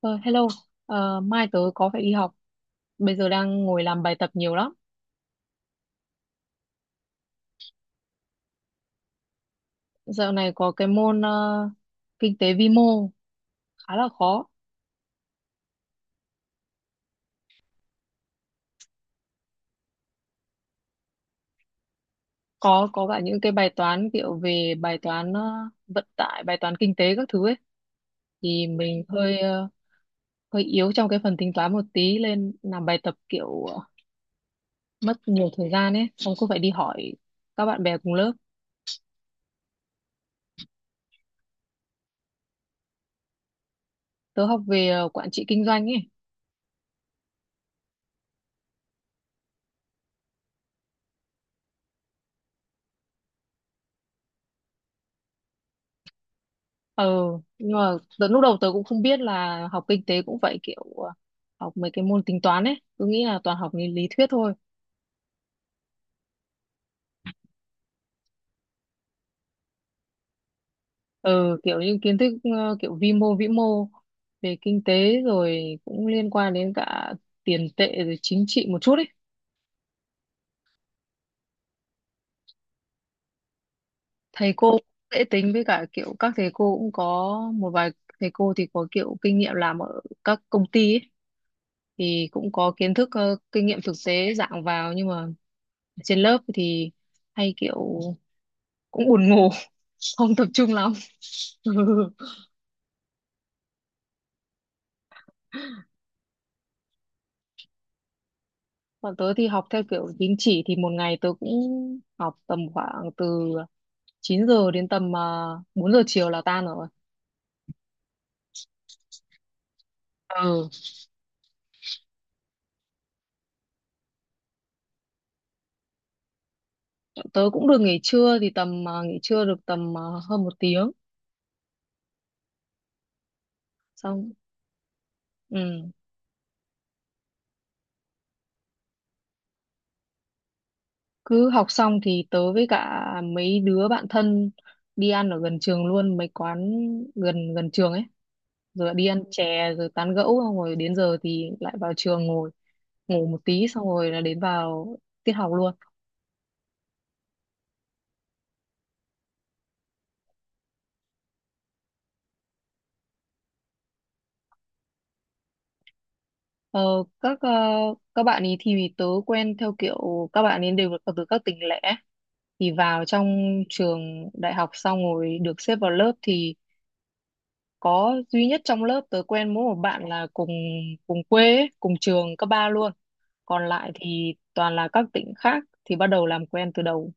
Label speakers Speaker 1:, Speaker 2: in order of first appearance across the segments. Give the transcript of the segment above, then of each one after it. Speaker 1: Ờ, Hello. Mai tớ có phải đi học. Bây giờ đang ngồi làm bài tập nhiều lắm. Dạo này có cái môn kinh tế vi mô khá là khó. Có cả những cái bài toán kiểu về bài toán vận tải, bài toán kinh tế các thứ ấy. Thì mình hơi yếu trong cái phần tính toán một tí nên làm bài tập kiểu mất nhiều thời gian ấy. Xong cứ phải đi hỏi các bạn bè cùng lớp. Tớ học về quản trị kinh doanh ấy. Ừ, nhưng mà lúc đầu tớ cũng không biết là học kinh tế cũng vậy kiểu học mấy cái môn tính toán ấy cứ nghĩ là toàn học lý lý thuyết thôi. Ừ, kiểu như kiến thức kiểu vi mô vĩ mô về kinh tế rồi cũng liên quan đến cả tiền tệ rồi chính trị một chút ấy. Thầy cô cũng dễ tính, với cả kiểu các thầy cô cũng có một vài thầy cô thì có kiểu kinh nghiệm làm ở các công ty ấy thì cũng có kiến thức kinh nghiệm thực tế dạng vào, nhưng mà trên lớp thì hay kiểu cũng buồn ngủ, không tập trung lắm. Ừ. Còn tớ thì học theo kiểu tín chỉ, thì một ngày tớ cũng học tầm khoảng từ 9 giờ đến tầm 4 giờ chiều là tan rồi. Ừ, tớ cũng được nghỉ trưa thì tầm nghỉ trưa được tầm hơn một tiếng xong. Ừ, cứ học xong thì tớ với cả mấy đứa bạn thân đi ăn ở gần trường luôn, mấy quán gần gần trường ấy, rồi lại đi ăn chè rồi tán gẫu, xong rồi đến giờ thì lại vào trường ngồi ngủ một tí xong rồi là đến vào tiết học luôn. Ờ, các ờ, các bạn ấy thì tớ quen theo kiểu các bạn ấy đều là từ các tỉnh lẻ thì vào trong trường đại học, xong rồi được xếp vào lớp thì có duy nhất trong lớp tớ quen mỗi một bạn là cùng cùng quê ấy, cùng trường cấp ba luôn, còn lại thì toàn là các tỉnh khác thì bắt đầu làm quen từ đầu.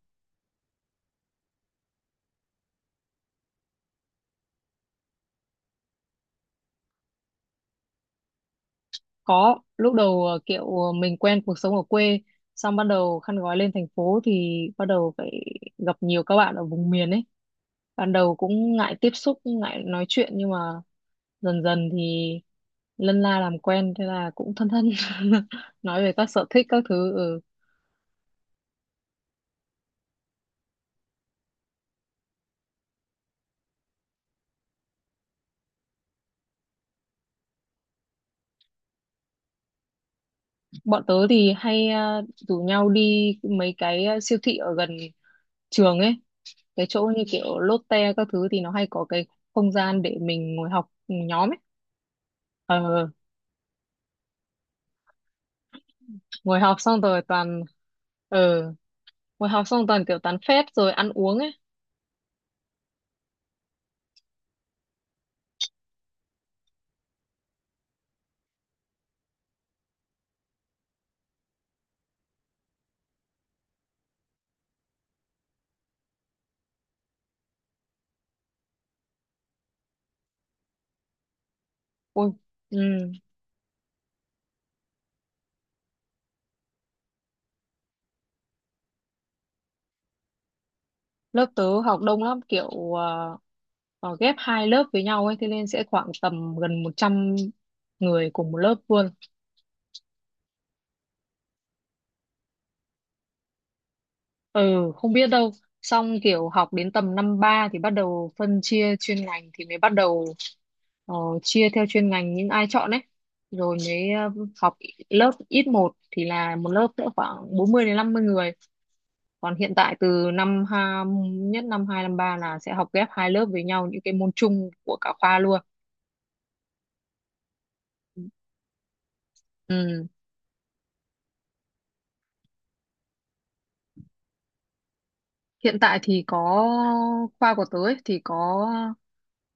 Speaker 1: Có, lúc đầu kiểu mình quen cuộc sống ở quê, xong bắt đầu khăn gói lên thành phố thì bắt đầu phải gặp nhiều các bạn ở vùng miền ấy, ban đầu cũng ngại tiếp xúc, ngại nói chuyện, nhưng mà dần dần thì lân la làm quen, thế là cũng thân thân. Nói về các sở thích các thứ. Ừ. Bọn tớ thì hay rủ nhau đi mấy cái siêu thị ở gần trường ấy, cái chỗ như kiểu Lotte các thứ thì nó hay có cái không gian để mình ngồi học nhóm ấy. ờ ngồi học xong rồi toàn ờ Ngồi học xong toàn kiểu tán phét rồi ăn uống ấy. Ôi. Ừ. Lớp tớ học đông lắm, kiểu ghép hai lớp với nhau ấy, thế nên sẽ khoảng tầm gần 100 người cùng một lớp luôn. Ừ, không biết đâu, xong kiểu học đến tầm năm ba thì bắt đầu phân chia chuyên ngành thì mới bắt đầu ờ, chia theo chuyên ngành những ai chọn ấy, rồi mới học lớp ít một thì là một lớp sẽ khoảng 40 đến 50 người, còn hiện tại từ nhất năm hai năm ba là sẽ học ghép hai lớp với nhau những cái môn chung của cả khoa luôn. Ừ. Hiện tại thì có, khoa của tớ ấy, thì có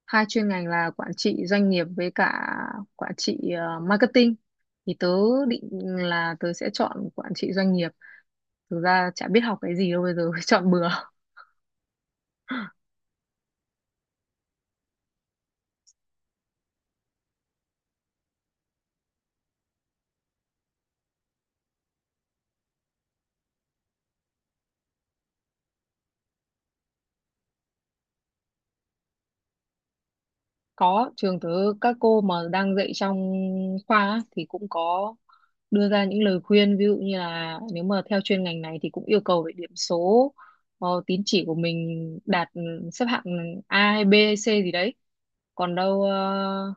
Speaker 1: hai chuyên ngành là quản trị doanh nghiệp với cả quản trị marketing. Thì tớ định là tớ sẽ chọn quản trị doanh nghiệp. Thực ra chả biết học cái gì đâu bây giờ, chọn bừa. Có, trường tớ các cô mà đang dạy trong khoa á, thì cũng có đưa ra những lời khuyên, ví dụ như là nếu mà theo chuyên ngành này thì cũng yêu cầu về điểm số, tín chỉ của mình đạt, xếp hạng A hay B hay C gì đấy, còn đâu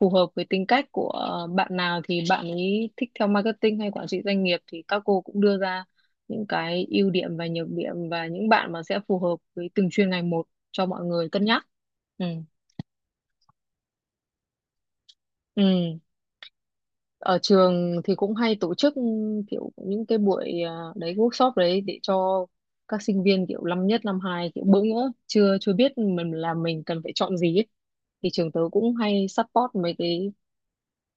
Speaker 1: phù hợp với tính cách của bạn nào thì bạn ấy thích theo marketing hay quản trị doanh nghiệp, thì các cô cũng đưa ra những cái ưu điểm và nhược điểm và những bạn mà sẽ phù hợp với từng chuyên ngành một cho mọi người cân nhắc. Ừ. Ừ, ở trường thì cũng hay tổ chức kiểu những cái buổi đấy, workshop đấy, để cho các sinh viên kiểu năm nhất năm hai kiểu bỡ ngỡ chưa chưa biết mình là mình cần phải chọn gì ấy. Thì trường tớ cũng hay support mấy cái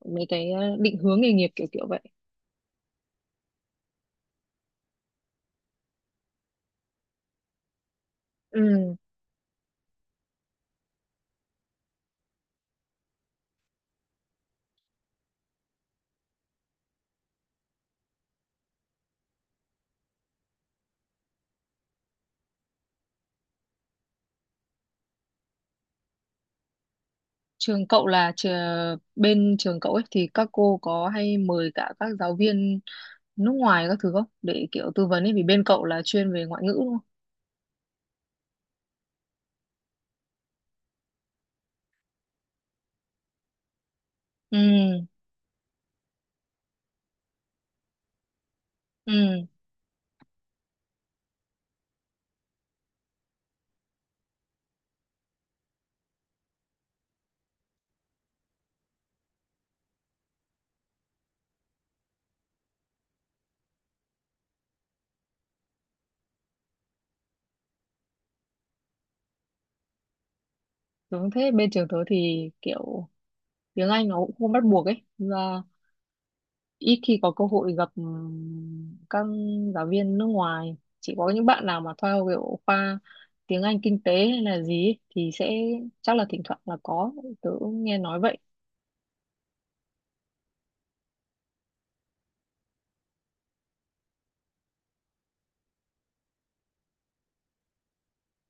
Speaker 1: mấy cái à, định hướng nghề nghiệp kiểu kiểu vậy. Ừ. Trường cậu là bên trường cậu ấy thì các cô có hay mời cả các giáo viên nước ngoài các thứ không, để kiểu tư vấn ấy, vì bên cậu là chuyên về ngoại ngữ đúng không? Ừ. Ừ. Đúng thế, bên trường tớ thì kiểu tiếng Anh nó cũng không bắt buộc ấy, và ít khi có cơ hội gặp các giáo viên nước ngoài, chỉ có những bạn nào mà theo kiểu khoa tiếng Anh kinh tế hay là gì ấy, thì sẽ chắc là thỉnh thoảng là có, tớ cũng nghe nói vậy.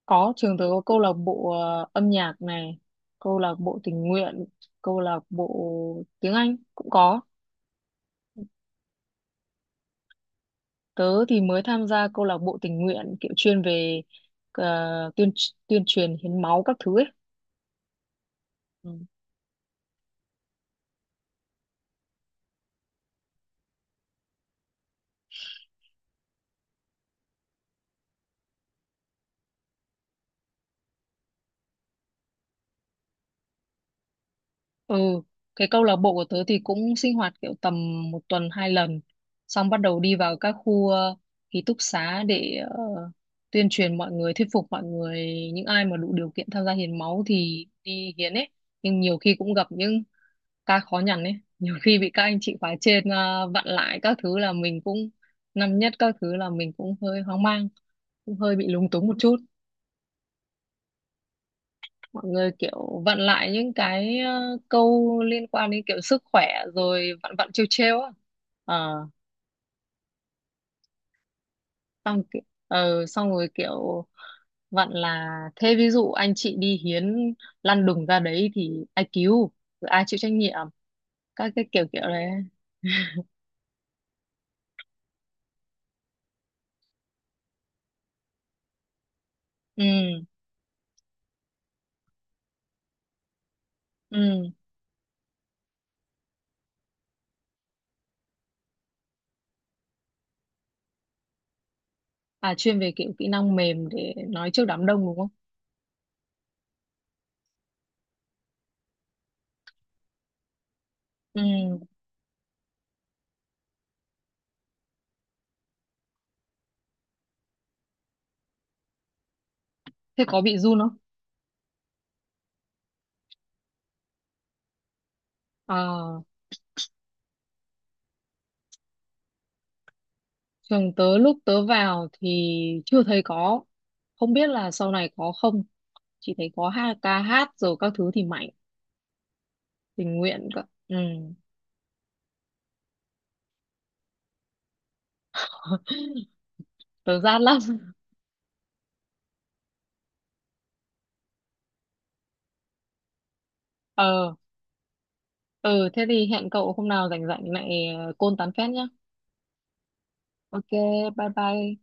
Speaker 1: Có, trường tớ có câu lạc bộ âm nhạc này, câu lạc bộ tình nguyện, câu lạc bộ tiếng Anh cũng có. Tớ thì mới tham gia câu lạc bộ tình nguyện kiểu chuyên về tuyên tuyên truyền hiến máu các thứ ấy. Ừ. Ừ, cái câu lạc bộ của tớ thì cũng sinh hoạt kiểu tầm một tuần hai lần, xong bắt đầu đi vào các khu ký túc xá để tuyên truyền mọi người, thuyết phục mọi người, những ai mà đủ điều kiện tham gia hiến máu thì đi hiến ấy. Nhưng nhiều khi cũng gặp những ca khó nhằn ấy, nhiều khi bị các anh chị khóa trên vặn lại các thứ, là mình cũng năm nhất các thứ là mình cũng hơi hoang mang, cũng hơi bị lúng túng một chút. Mọi người kiểu vặn lại những cái câu liên quan đến kiểu sức khỏe, rồi vặn vặn trêu trêu á. ờ xong ki- ờ Xong rồi kiểu vặn là thế ví dụ anh chị đi hiến lăn đùng ra đấy thì ai cứu, rồi ai chịu trách nhiệm, các cái kiểu kiểu đấy. Ừ. Ừ. À, chuyên về kiểu kỹ năng mềm để nói trước đám đông đúng không. Ừ, thế có bị run không. ờ Trường tớ lúc tớ vào thì chưa thấy có, không biết là sau này có không, chỉ thấy có ca hát rồi các thứ thì mạnh tình nguyện cơ. Ừ. Tớ rát lắm. ờ ừ, thế thì hẹn cậu hôm nào rảnh rảnh lại côn tán phét nhá. Ok, bye bye.